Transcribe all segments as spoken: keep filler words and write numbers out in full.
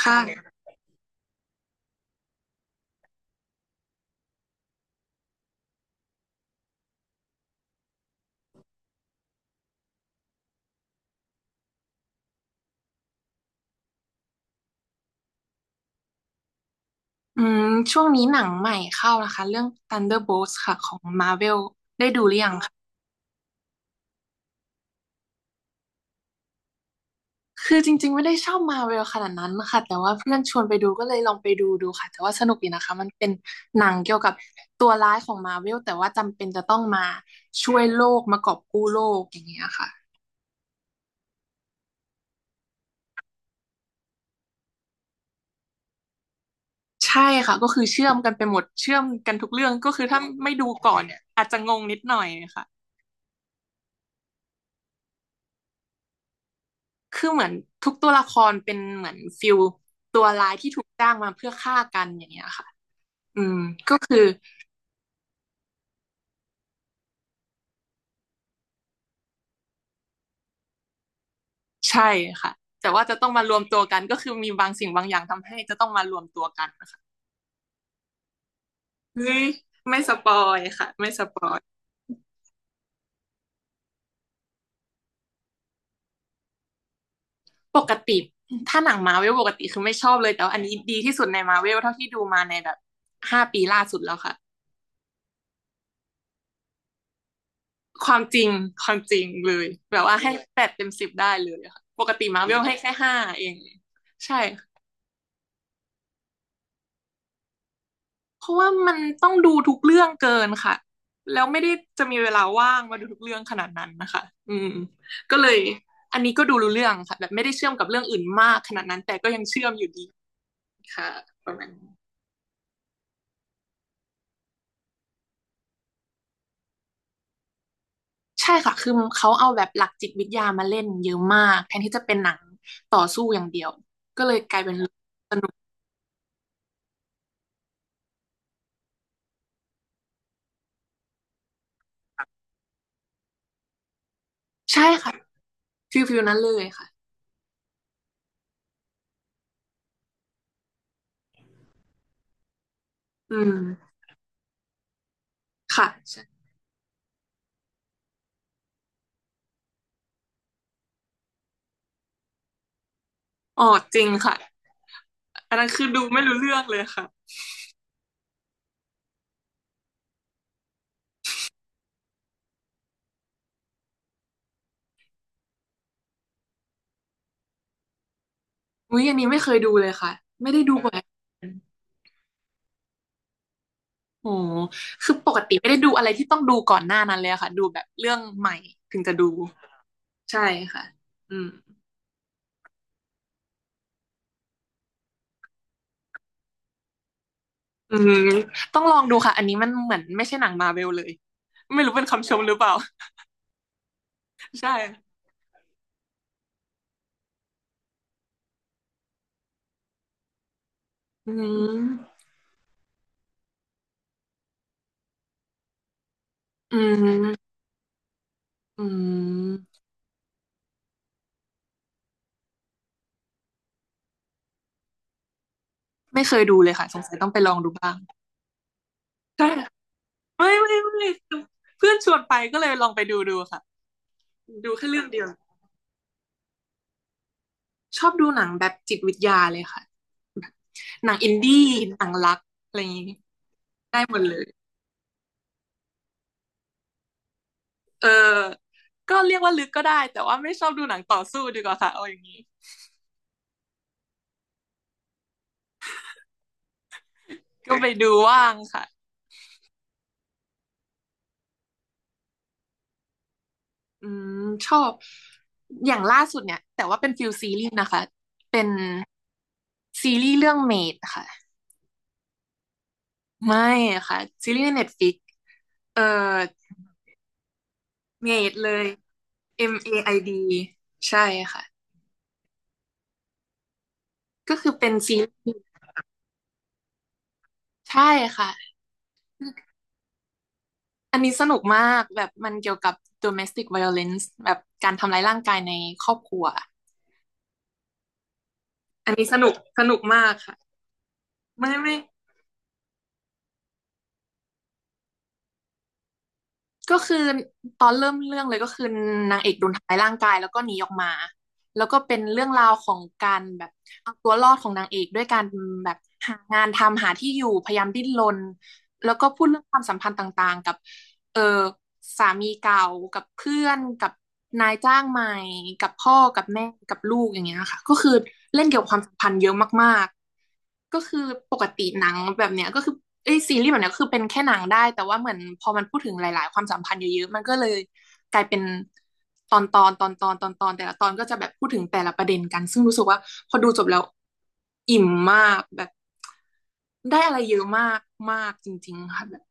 ค่ะอืมช่วงนี้หนังใหม่เข้านะคะเรื่อง Thunderbolts ค่ะของ Marvel คือจริงๆไม่ได้ชอบ Marvel ขนาดนั้นค่ะแต่ว่าเพื่อนชวนไปดูก็เลยลองไปดูดูค่ะแต่ว่าสนุกดีนะคะมันเป็นหนังเกี่ยวกับตัวร้ายของ Marvel แต่ว่าจำเป็นจะต้องมาช่วยโลกมากอบกู้โลกอย่างเงี้ยค่ะใช่ค่ะก็คือเชื่อมกันไปหมดเชื่อมกันทุกเรื่องก็คือถ้าไม่ดูก่อนเนี่ยอาจจะงงนิดหน่อยค่ะคือเหมือนทุกตัวละครเป็นเหมือนฟิลตัวร้ายที่ถูกจ้างมาเพื่อฆ่ากันอย่างเงี้ยค่ะ อืมก็คือใช่ค่ะแต่ว่าจะต้องมารวมตัวกันก็คือมีบางสิ่งบางอย่างทำให้จะต้องมารวมตัวกันนะคะเฮ้ยไม่สปอยค่ะไม่สปอยปกติถ้าหนังมาเวลปกติคือไม่ชอบเลยแต่ว่าอันนี้ดีที่สุดในมาเวลเท่าที่ดูมาในแบบห้าปีล่าสุดแล้วค่ะความจริงความจริงเลยแบบว่าให้แปดเต็มสิบได้เลยค่ะปกติมาเวลให้แค่ห้าเองใช่ เพราะว่ามันต้องดูทุกเรื่องเกินค่ะแล้วไม่ได้จะมีเวลาว่างมาดูทุกเรื่องขนาดนั้นนะคะอืมก็เลยอันนี้ก็ดูรู้เรื่องค่ะแบบไม่ได้เชื่อมกับเรื่องอื่นมากขนาดนั้นแต่ก็ยังเชื่อมอยู่ดีค่ะประมาณนี้ใช่ค่ะคือเขาเอาแบบหลักจิตวิทยามาเล่นเยอะมากแทนที่จะเป็นหนังต่อสู้อย่างเดียวก็เลยกลายเป็นสนุกใช่ค่ะฟิลฟิลนั้นเลยค่ะอืมค่ะใช่อ๋อจริงค่ะอันนั้นคือดูไม่รู้เรื่องเลยค่ะ อุ๊ยอันนี้ไม่เคยดูเลยค่ะไม่ได้ดูเอบ่อยอโอ้โหคือปกติไม่ได้ดูอะไรที่ต้องดูก่อนหน้านั้นเลยอะค่ะดูแบบเรื่องใหม่ถึงจะดูใช่ค่ะอืมอืมต้องลองดูค่ะอันนี้มันเหมือนไม่ใช่หนังมารเวลเลยไม่รู้เป็นคำชใช่มหรือเปล่า ใช่อืมอืมอืมไม่เคยดูเลยค่ะสงสัยต้องไปลองดูบ้างใช่ไม่ไม่ไม่เพื่อนชวนไปก็เลยลองไปดูดูค่ะดูแค่เรื่องเดียว ชอบดูหนังแบบจิตวิทยาเลยค่ะแบบหนังอินดี้หนังรักอะไรอย่างงี้ได้หมดเลยเออก็เรียกว่าลึกก็ได้แต่ว่าไม่ชอบดูหนังต่อสู้ดีกว่าค่ะเอาอย่างนี้ก็ไปดูว่างค่ะอืมชอบอย่างล่าสุดเนี่ยแต่ว่าเป็นฟิลซีรีส์นะคะเป็นซีรีส์เรื่องเมดค่ะไม่ค่ะซีรีส์ในเน็ตฟิกเอ่อเมดเลย M A I D ใช่ค่ะก็คือเป็นซีรีส์ใช่ค่ะ อันนี้สนุกมากแบบมันเกี่ยวกับ domestic violence แบบการทำร้ายร่างกายในครอบครัว อันนี้สนุกสนุกมากค่ะ ไม่ไม่ก็คือตอนเริ่มเรื่องเลยก็คือนางเอกโดนทำร้ายร่างกายแล้วก็หนีออกมาแล้วก็เป็นเรื่องราวของการแบบเอาตัวรอดของนางเอกด้วยการแบบหางานทำหาที่อยู่พยายามดิ้นรนแล้วก็พูดเรื่องความสัมพันธ์ต่างๆกับ เออสามีเก่ากับเพื่อนกับนายจ้างใหม่กับพ่อกับแม่กับลูกอย่างเงี้ยค่ะก็คือเล่นเกี่ยวกับความสัมพันธ์เยอะมากๆก็คือปกติหนังแบบเนี้ยก็คือเอ้ยซีรีส์แบบเนี้ยก็คือเป็นแค่หนังได้แต่ว่าเหมือนพอมันพูดถึงหลายๆความสัมพันธ์เยอะๆมันก็เลยกลายเป็นตอนตอนตอนตอนตอนตอนแต่ละตอนก็จะแบบพูดถึงแต่ละประเด็นกันซึ่งรู้สึกว่าพอดูจบแล้วอิ่มมากแบบได้อะไรเยอะมากมากจริงๆค่ะแบบ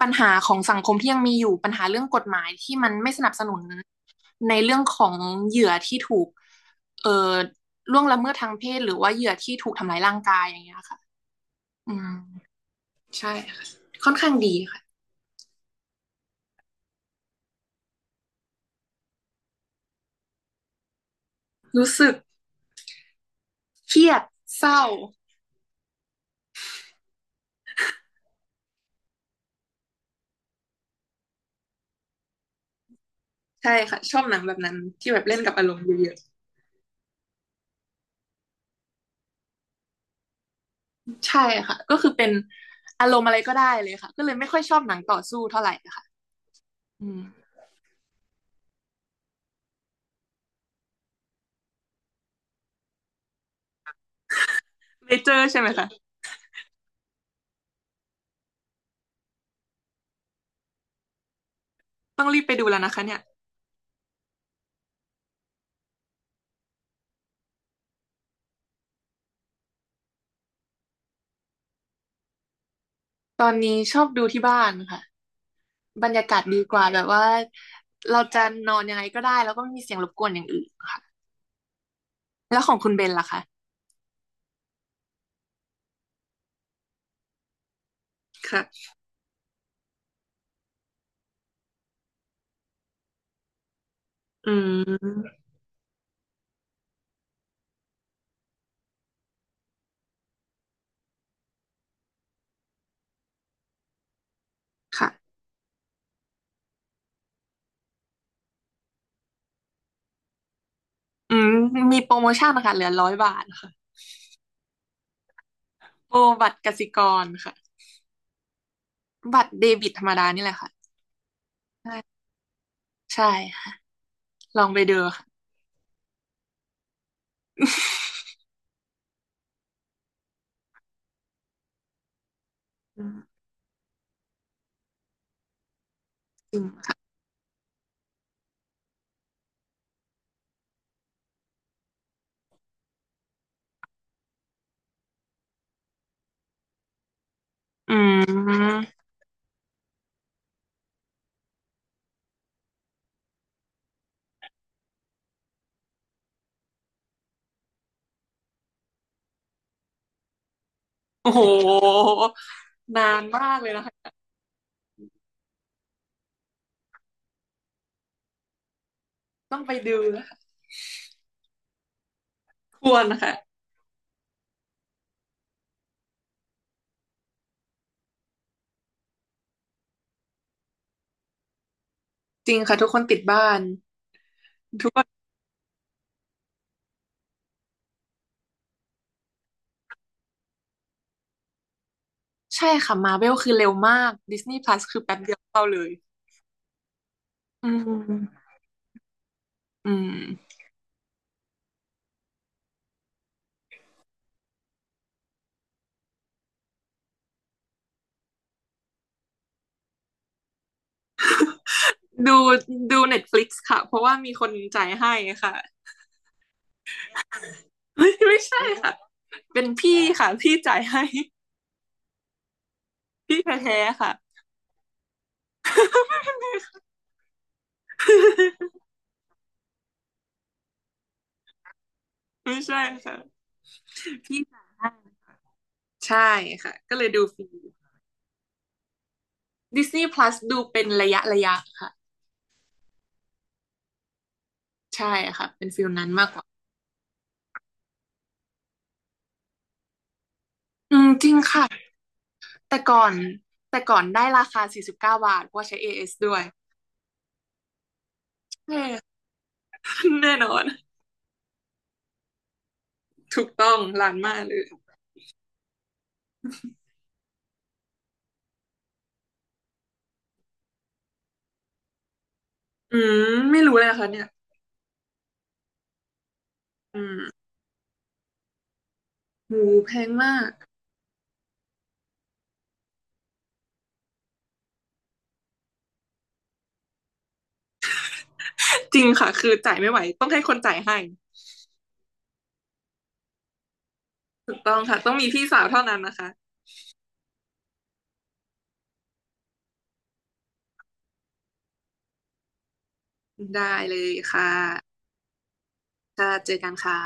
ปัญหาของสังคมที่ยังมีอยู่ปัญหาเรื่องกฎหมายที่มันไม่สนับสนุนในเรื่องของเหยื่อที่ถูกเอ่อล่วงละเมิดทางเพศหรือว่าเหยื่อที่ถูกทำร้ายร่างกายอย่างเงี้ยค่ะอืมใช่ค่ะค่อนข้างดีค่ะรู้สึกเครียดเศร้าใช่ค่ะชอบหนังแบบนั้นที่แบบเล่นกับอารมณ์เยอะๆใช่ค่ะก็คือเป็นอารมณ์อะไรก็ได้เลยค่ะก็เลยไม่ค่อยชอบหนังต่อสู้เท่าไหร่ค่ะอืมเลเจอร์ใช่ไหมคะต้องรีบไปดูแล้วนะคะเนี่ยตอนนี้ชอบดูที่บ้านค่ะ บรรยากาศดีกว่าแบบว่าเราจะนอนยังไงก็ได้แล้วก็ไม่มีเสียงรบกวนอย่างอื่นค่ะแล้วของคุณเบนล่ะคะค่ะอืมค่ะอืมมีโปรโมชั่นนะคะเหลือร้อยบาทค่ะโปรบัตรกสิกรค่ะบัตรเดบิตธรรมดานี่แหละค่ะใช่ใช่ค่ะลองไปดูค่ะอืมจริงค่ะอืมโอ้โหนานมากเลยนะคะต้องไปดูนะคะควรนะคะจริงค่ะทุกคนติดบ้าน ใช่ค่ะมาเวลคือเร็วมากดิสนีย์พลัสคือแป๊บเดียวเข้าเลยอืมอืมดูดูเน็ตฟลิกซ์ค่ะเพราะว่ามีคนจ่ายให้ค่ะ เฮ้ยไม่ใช่ค่ะเป็นพี่ค่ะพี่จ่ายให้พี่แท้ๆค่ะ ไม่ใช่ค่ะพี่จ่ายให้ใช่ค่ะก็เลยดูฟรีดิสนีย์พลัสดูเป็นระยะระยะค่ะใช่ค่ะเป็นฟิลนั้นมากกว่าอืมจริงค่ะแต่ก่อนแต่ก่อนได้ราคาสี่สิบเก้าบเก้าบาทเพราะว่าใช้ เอ เอส ด้วยใช่ แน่นอน ถูกต้องล้านมากเลยอืม ไม่รู้เลยนะคะเนี่ย อืมหูแพงมาก จริงค่ะ คือจ่ายไม่ไหว ต้องให้คนจ่ายให้ ถูกต้องค่ะ ต้องมีพี่สาวเท่านั้นนะคะ ได้เลยค่ะค่ะเจอกันค่ะ